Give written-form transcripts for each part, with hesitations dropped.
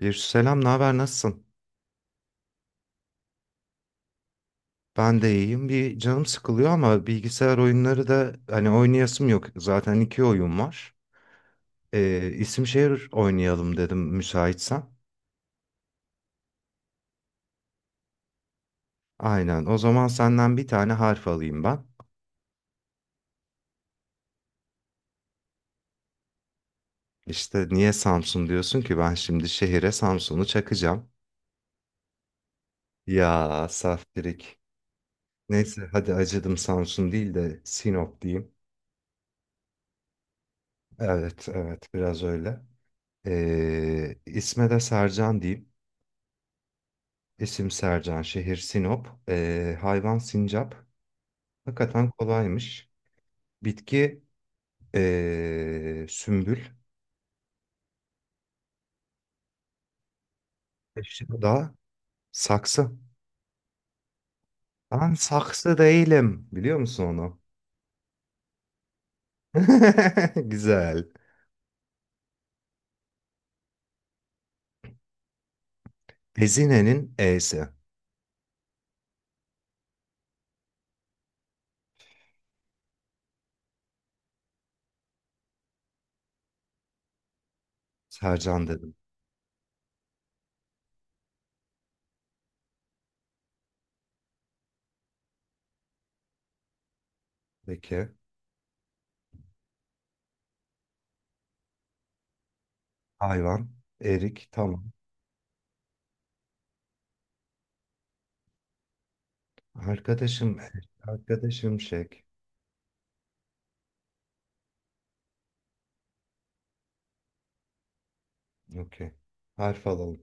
Bir selam, ne haber, nasılsın? Ben de iyiyim. Bir canım sıkılıyor ama bilgisayar oyunları da hani oynayasım yok. Zaten iki oyun var. İsim şehir oynayalım dedim müsaitsen. Aynen. O zaman senden bir tane harf alayım ben. İşte niye Samsun diyorsun ki ben şimdi şehire Samsun'u çakacağım. Ya saftirik. Neyse hadi acıdım Samsun değil de Sinop diyeyim. Evet evet biraz öyle. İsme de Sercan diyeyim. İsim Sercan, şehir Sinop, hayvan sincap. Hakikaten kolaymış. Bitki sümbül, eşya da saksı. Ben saksı değilim, biliyor musun onu? Güzel. Ezine'nin E'si. Sercan dedim. Peki. Hayvan, erik, tamam. Arkadaşım, arkadaşım şek. Okey. Harf alalım.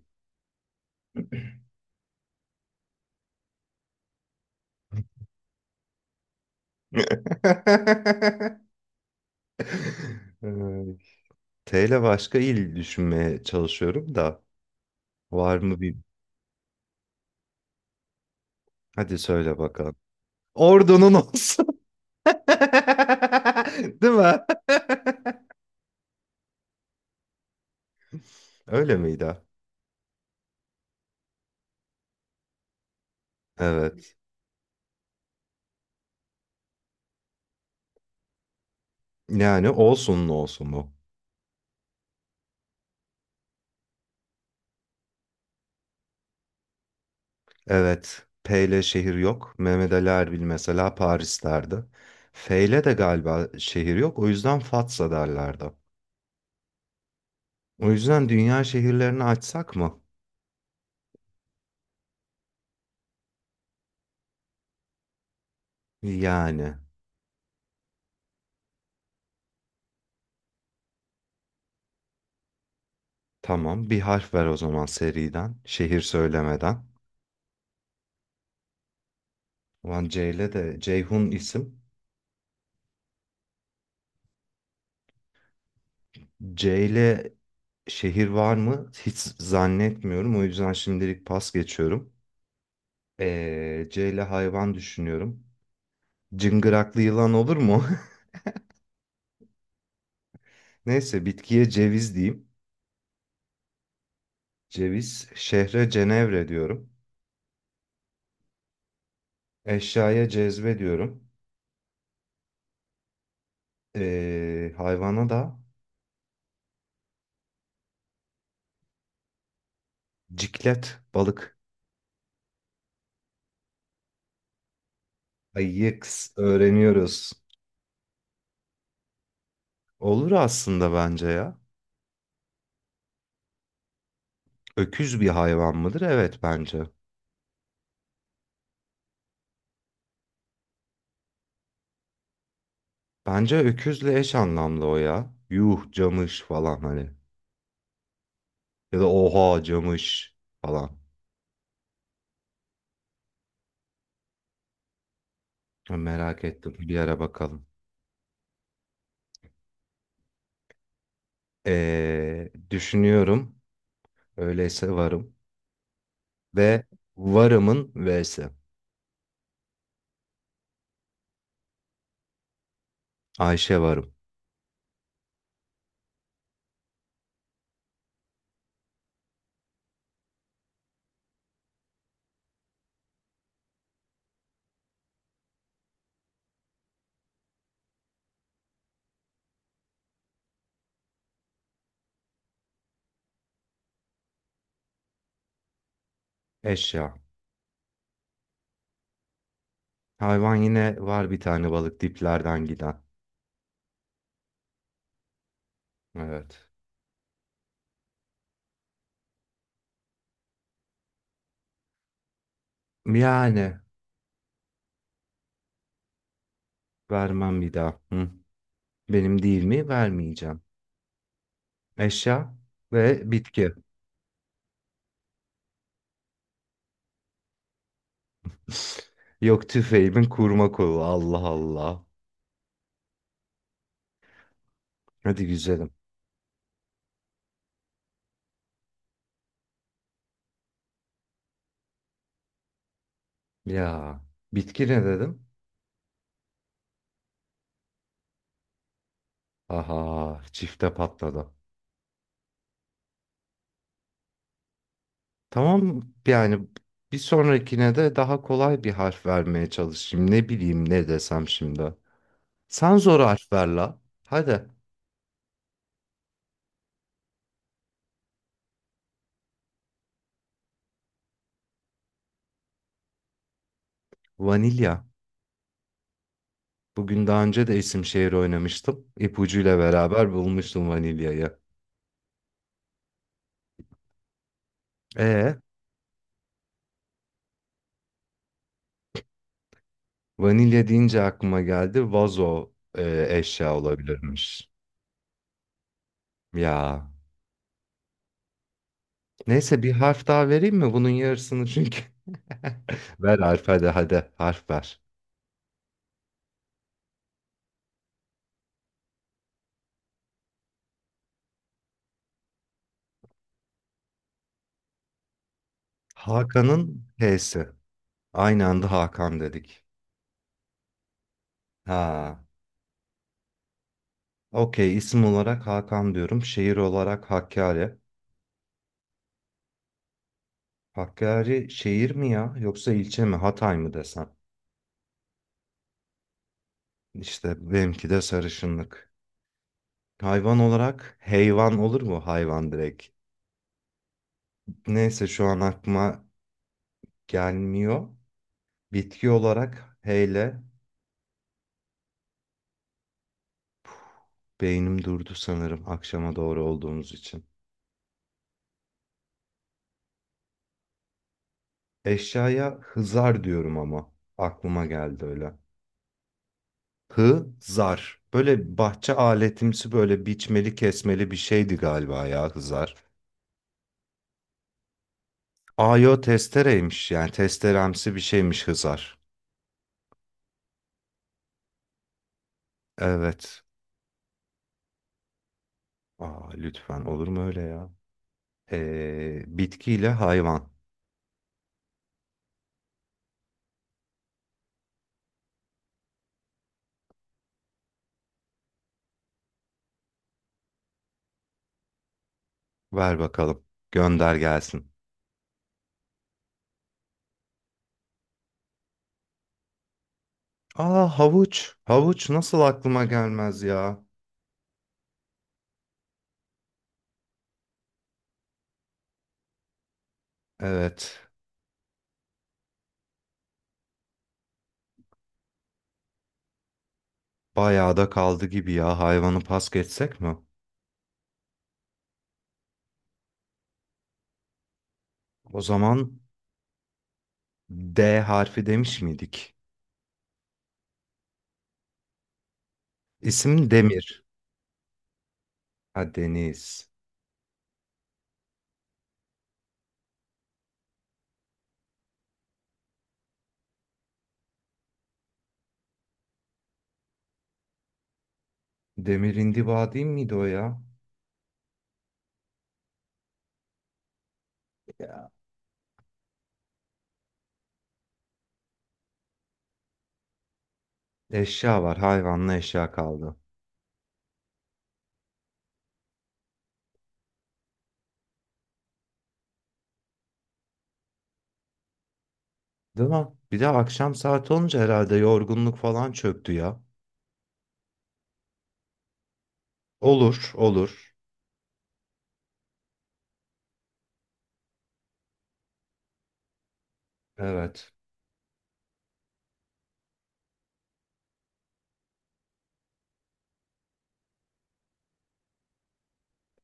Ay. T ile başka il düşünmeye çalışıyorum da var mı bir... Hadi söyle bakalım. Ordunun olsun. Değil mi? Öyle miydi? Evet. Yani olsun olsun bu. Evet. P ile şehir yok. Mehmet Ali Erbil mesela Paris'lerdi. F ile de galiba şehir yok. O yüzden Fatsa derlerdi. O yüzden dünya şehirlerini açsak mı? Yani. Tamam. Bir harf ver o zaman seriden. Şehir söylemeden. Ulan Ceyle de Ceyhun isim. Ceyle şehir var mı? Hiç zannetmiyorum. O yüzden şimdilik pas geçiyorum. Ceyle hayvan düşünüyorum. Cıngıraklı yılan olur mu? Neyse bitkiye ceviz diyeyim. Ceviz. Şehre Cenevre diyorum. Eşyaya cezve diyorum. Hayvana da ciklet balık. Ay yeks öğreniyoruz. Olur aslında bence ya. Öküz bir hayvan mıdır? Evet bence. Bence öküzle eş anlamlı o ya. Yuh camış falan hani. Ya da oha camış falan. Merak ettim. Bir ara bakalım. Düşünüyorum. Öyleyse varım. Ve varımın V'si. Ayşe varım. Eşya. Hayvan yine var bir tane balık diplerden giden. Evet. Yani vermem bir daha. Hı. Benim değil mi? Vermeyeceğim. Eşya ve bitki. Yok tüfeğimin kurma kolu. Allah Allah. Hadi güzelim. Ya bitki ne dedim? Aha çifte patladı. Tamam yani bir sonrakine de daha kolay bir harf vermeye çalışayım. Ne bileyim ne desem şimdi. Sen zor harf ver la. Hadi vanilya. Bugün daha önce de isim şehir oynamıştım. İpucuyla beraber bulmuştum vanilyayı. E vanilya deyince aklıma geldi vazo eşya olabilirmiş. Ya neyse bir harf daha vereyim mi? Bunun yarısını çünkü. Ver harf hadi hadi harf ver. Hakan'ın H'si. Aynı anda Hakan dedik. Ha. Okey isim olarak Hakan diyorum. Şehir olarak Hakkari. Hakkari şehir mi ya yoksa ilçe mi Hatay mı desem? İşte benimki de sarışınlık. Hayvan olarak heyvan olur mu hayvan direkt? Neyse şu an aklıma gelmiyor. Bitki olarak heyle beynim durdu sanırım akşama doğru olduğumuz için. Eşyaya hızar diyorum ama aklıma geldi öyle. Hızar. Böyle bahçe aletimsi böyle biçmeli kesmeli bir şeydi galiba ya hızar. Ayo testereymiş yani testeremsi bir şeymiş hızar. Evet. Aa, lütfen olur mu öyle ya? Bitkiyle hayvan. Ver bakalım. Gönder gelsin. Aa havuç. Havuç nasıl aklıma gelmez ya? Evet. Bayağı da kaldı gibi ya. Hayvanı pas geçsek mi? O zaman D harfi demiş miydik? İsim Demir. Ha Deniz. Demir indiba değil miydi o ya? Ya. Eşya var. Hayvanla eşya kaldı. Değil mi? Bir de akşam saat olunca herhalde yorgunluk falan çöktü ya. Olur, olur. Evet.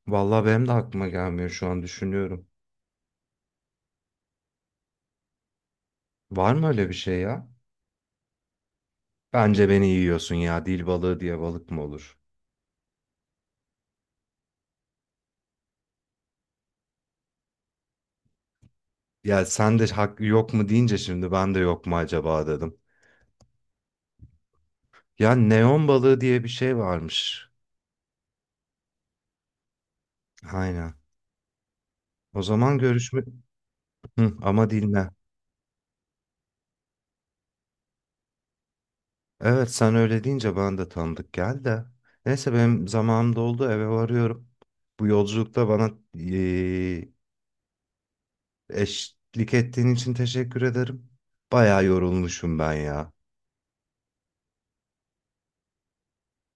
Vallahi benim de aklıma gelmiyor şu an düşünüyorum. Var mı öyle bir şey ya? Bence beni yiyorsun ya. Dil balığı diye balık mı olur? Ya sen de hak yok mu deyince şimdi ben de yok mu acaba dedim. Ya neon balığı diye bir şey varmış. Aynen. O zaman görüşme... Hı, ama dinle. Evet sen öyle deyince ben de tanıdık geldi de. Neyse benim zamanım doldu eve varıyorum. Bu yolculukta bana eşlik ettiğin için teşekkür ederim. Bayağı yorulmuşum ben ya.